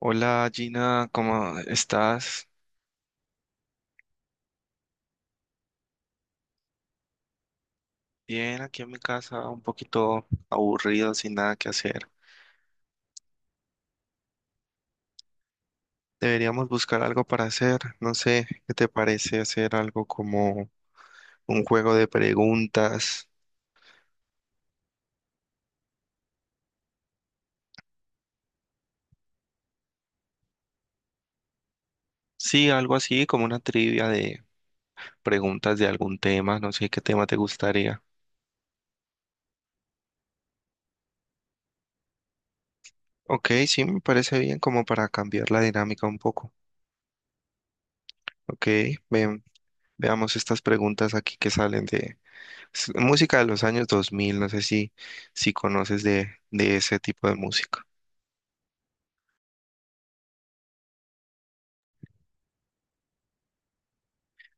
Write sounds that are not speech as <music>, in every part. Hola Gina, ¿cómo estás? Bien, aquí en mi casa, un poquito aburrido, sin nada que hacer. Deberíamos buscar algo para hacer. No sé, ¿qué te parece hacer algo como un juego de preguntas? Sí, algo así, como una trivia de preguntas de algún tema. No sé qué tema te gustaría. Ok, sí, me parece bien, como para cambiar la dinámica un poco. Ok, ven, veamos estas preguntas aquí que salen. Es música de los años 2000, no sé si conoces de ese tipo de música.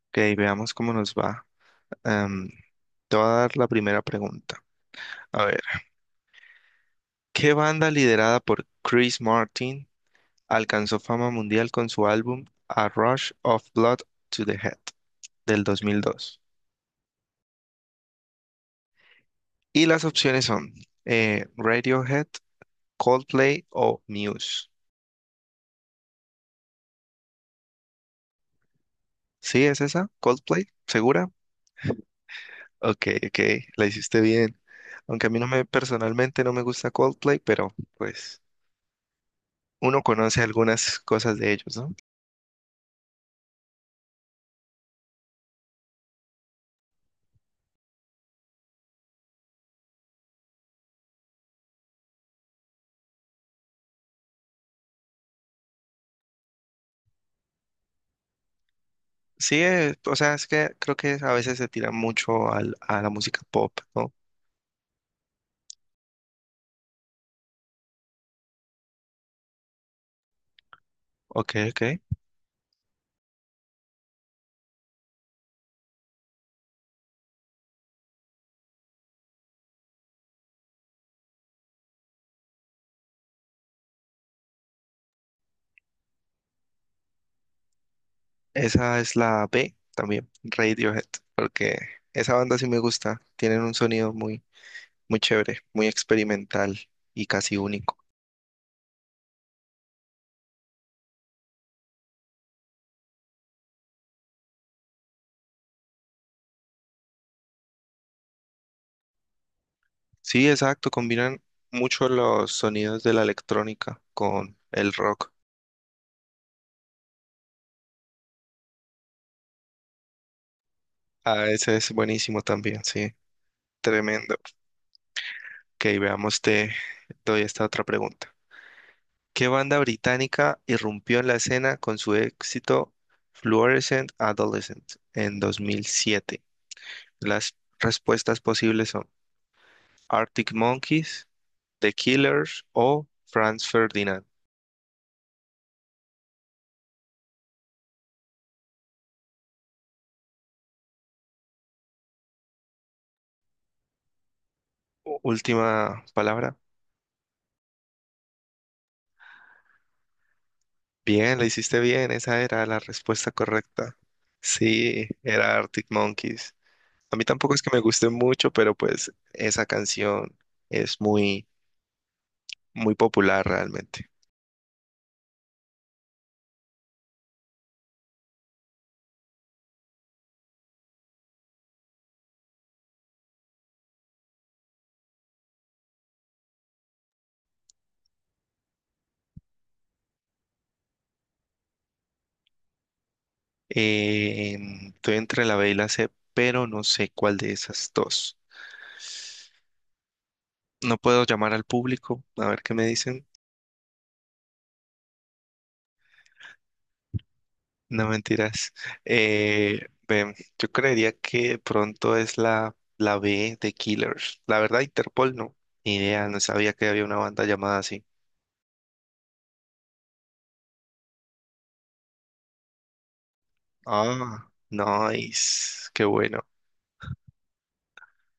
Ok, veamos cómo nos va. Em, Te voy a dar la primera pregunta. A ver, ¿qué banda liderada por Chris Martin alcanzó fama mundial con su álbum A Rush of Blood to the Head del 2002? Y las opciones son Radiohead, Coldplay o Muse. ¿Sí es esa? ¿Coldplay? ¿Segura? Ok, ok, la hiciste bien. Aunque a mí no me personalmente no me gusta Coldplay, pero pues uno conoce algunas cosas de ellos, ¿no? Sí, o sea, es que creo que a veces se tira mucho a la música pop, ¿no? Ok, ok. Esa es la B también, Radiohead, porque esa banda sí me gusta. Tienen un sonido muy, muy chévere, muy experimental y casi único. Sí, exacto, combinan mucho los sonidos de la electrónica con el rock. Ah, ese es buenísimo también, sí. Tremendo. Ok, veamos, te doy esta otra pregunta. ¿Qué banda británica irrumpió en la escena con su éxito Fluorescent Adolescent en 2007? Las respuestas posibles son Arctic Monkeys, The Killers o Franz Ferdinand. Última palabra. Bien, la hiciste bien, esa era la respuesta correcta. Sí, era Arctic Monkeys. A mí tampoco es que me guste mucho, pero pues esa canción es muy, muy popular realmente. Eh, Estoy entre la B y la C, pero no sé cuál de esas dos. No puedo llamar al público, a ver qué me dicen. No mentiras. Ven, yo creería que de pronto es la B de Killers. La verdad, Interpol no. Ni idea, no sabía que había una banda llamada así. Ah, nice. Qué bueno.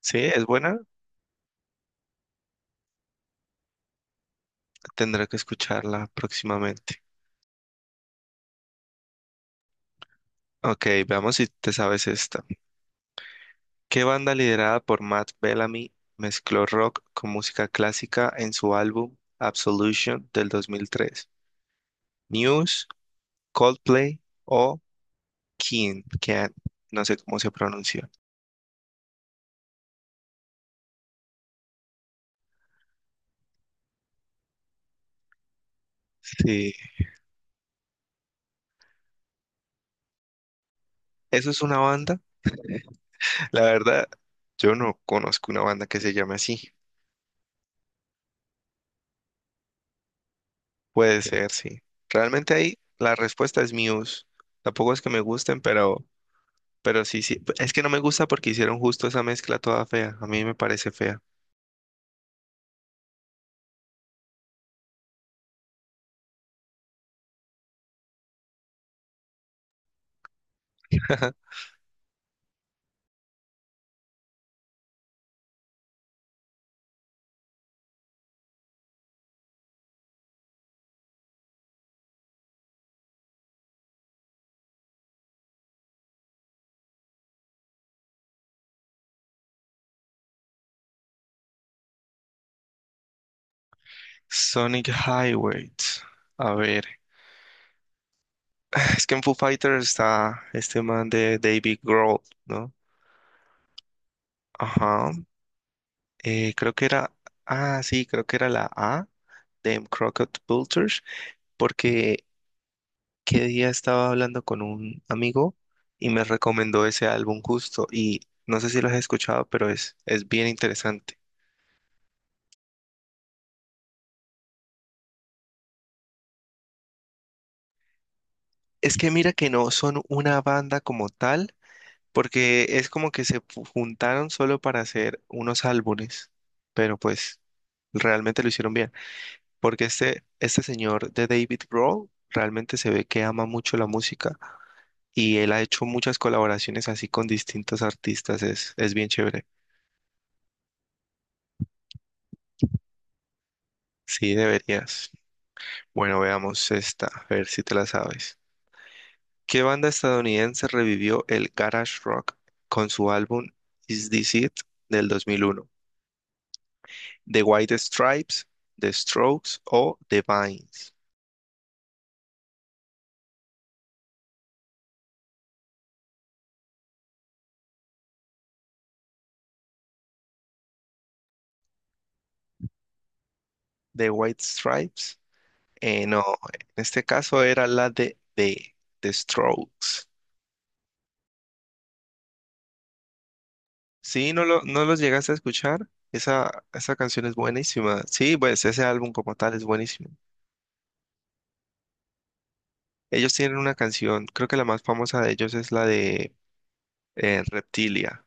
Sí, es buena. Tendré que escucharla próximamente. Ok, veamos si te sabes esta. ¿Qué banda liderada por Matt Bellamy mezcló rock con música clásica en su álbum Absolution del 2003? ¿Muse, Coldplay o Keane? Keane, no sé cómo se pronuncia. Sí, ¿eso es una banda? La verdad, yo no conozco una banda que se llame así. Puede ser, sí. Realmente ahí la respuesta es Muse. Tampoco es que me gusten, pero sí, sí, es que no me gusta porque hicieron justo esa mezcla toda fea. A mí me parece fea. <laughs> Sonic Highway. A ver, <sighs> es que en Foo Fighters está este man de David Grohl, ¿no? Ajá. Creo que era, ah, sí, creo que era la A de Crockett Vultures, porque qué día estaba hablando con un amigo y me recomendó ese álbum justo y no sé si lo has escuchado, pero es bien interesante. Es que mira que no son una banda como tal, porque es como que juntaron solo para hacer unos álbumes, pero pues realmente lo hicieron bien. Porque este señor de David Grohl realmente se ve que ama mucho la música y él ha hecho muchas colaboraciones así con distintos artistas. Es bien chévere. Sí, deberías. Bueno, veamos esta, a ver si te la sabes. ¿Qué banda estadounidense revivió el garage rock con su álbum Is This It del 2001? The White Stripes, The Strokes o The Vines. The White Stripes. No, en este caso era la de The Strokes. Sí, no los llegaste a escuchar. Esa canción es buenísima. Sí, pues ese álbum como tal es buenísimo. Ellos tienen una canción, creo que la más famosa de ellos es la de Reptilia.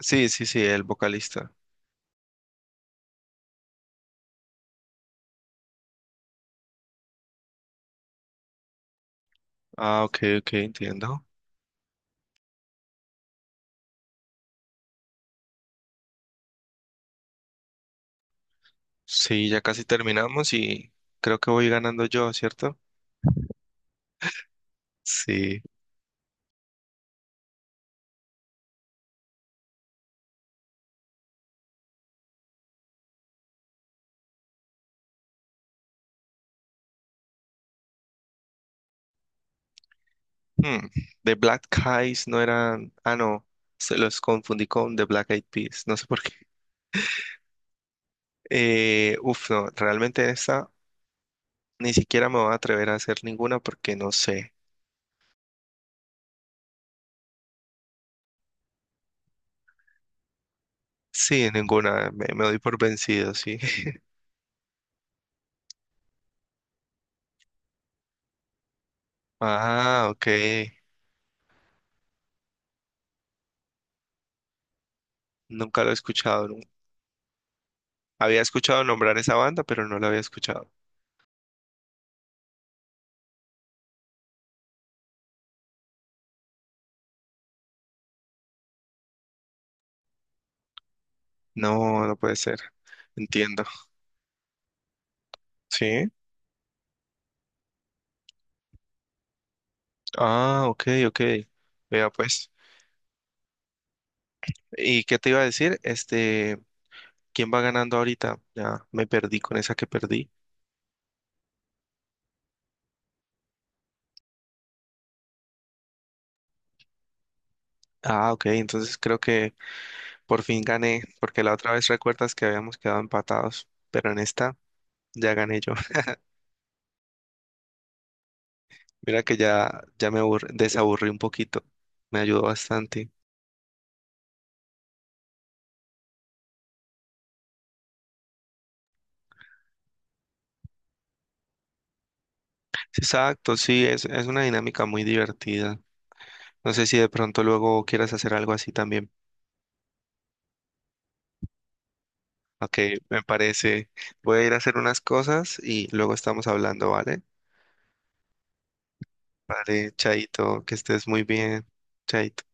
Sí, sí, sí, el vocalista. Ah, ok, ok, entiendo. Sí, ya casi terminamos y creo que voy ganando yo, ¿cierto? Sí. Hmm, The Black Eyes no eran. Ah, no. Se los confundí con The Black Eyed Peas. No sé por qué. Uf, no. Realmente esta ni siquiera me voy a atrever a hacer ninguna porque no sé. Sí, ninguna. Me doy por vencido, sí. <laughs> Ah, ok. Nunca lo he escuchado. Había escuchado nombrar esa banda, pero no la había escuchado. No, no puede ser. Entiendo. Sí. Ah, ok, ok. Vea pues. ¿Y qué te iba a decir? Este. ¿Quién va ganando ahorita? Ya me perdí con esa que perdí. Ah, ok, entonces creo que por fin gané, porque la otra vez recuerdas que habíamos quedado empatados, pero en esta ya gané yo. <laughs> Mira que ya desaburrí un poquito, me ayudó bastante. Sí, exacto, sí, es una dinámica muy divertida. No sé si de pronto luego quieras hacer algo así también. Ok, me parece. Voy a ir a hacer unas cosas y luego estamos hablando, ¿vale? Vale, Chaito, que estés muy bien. Chaito.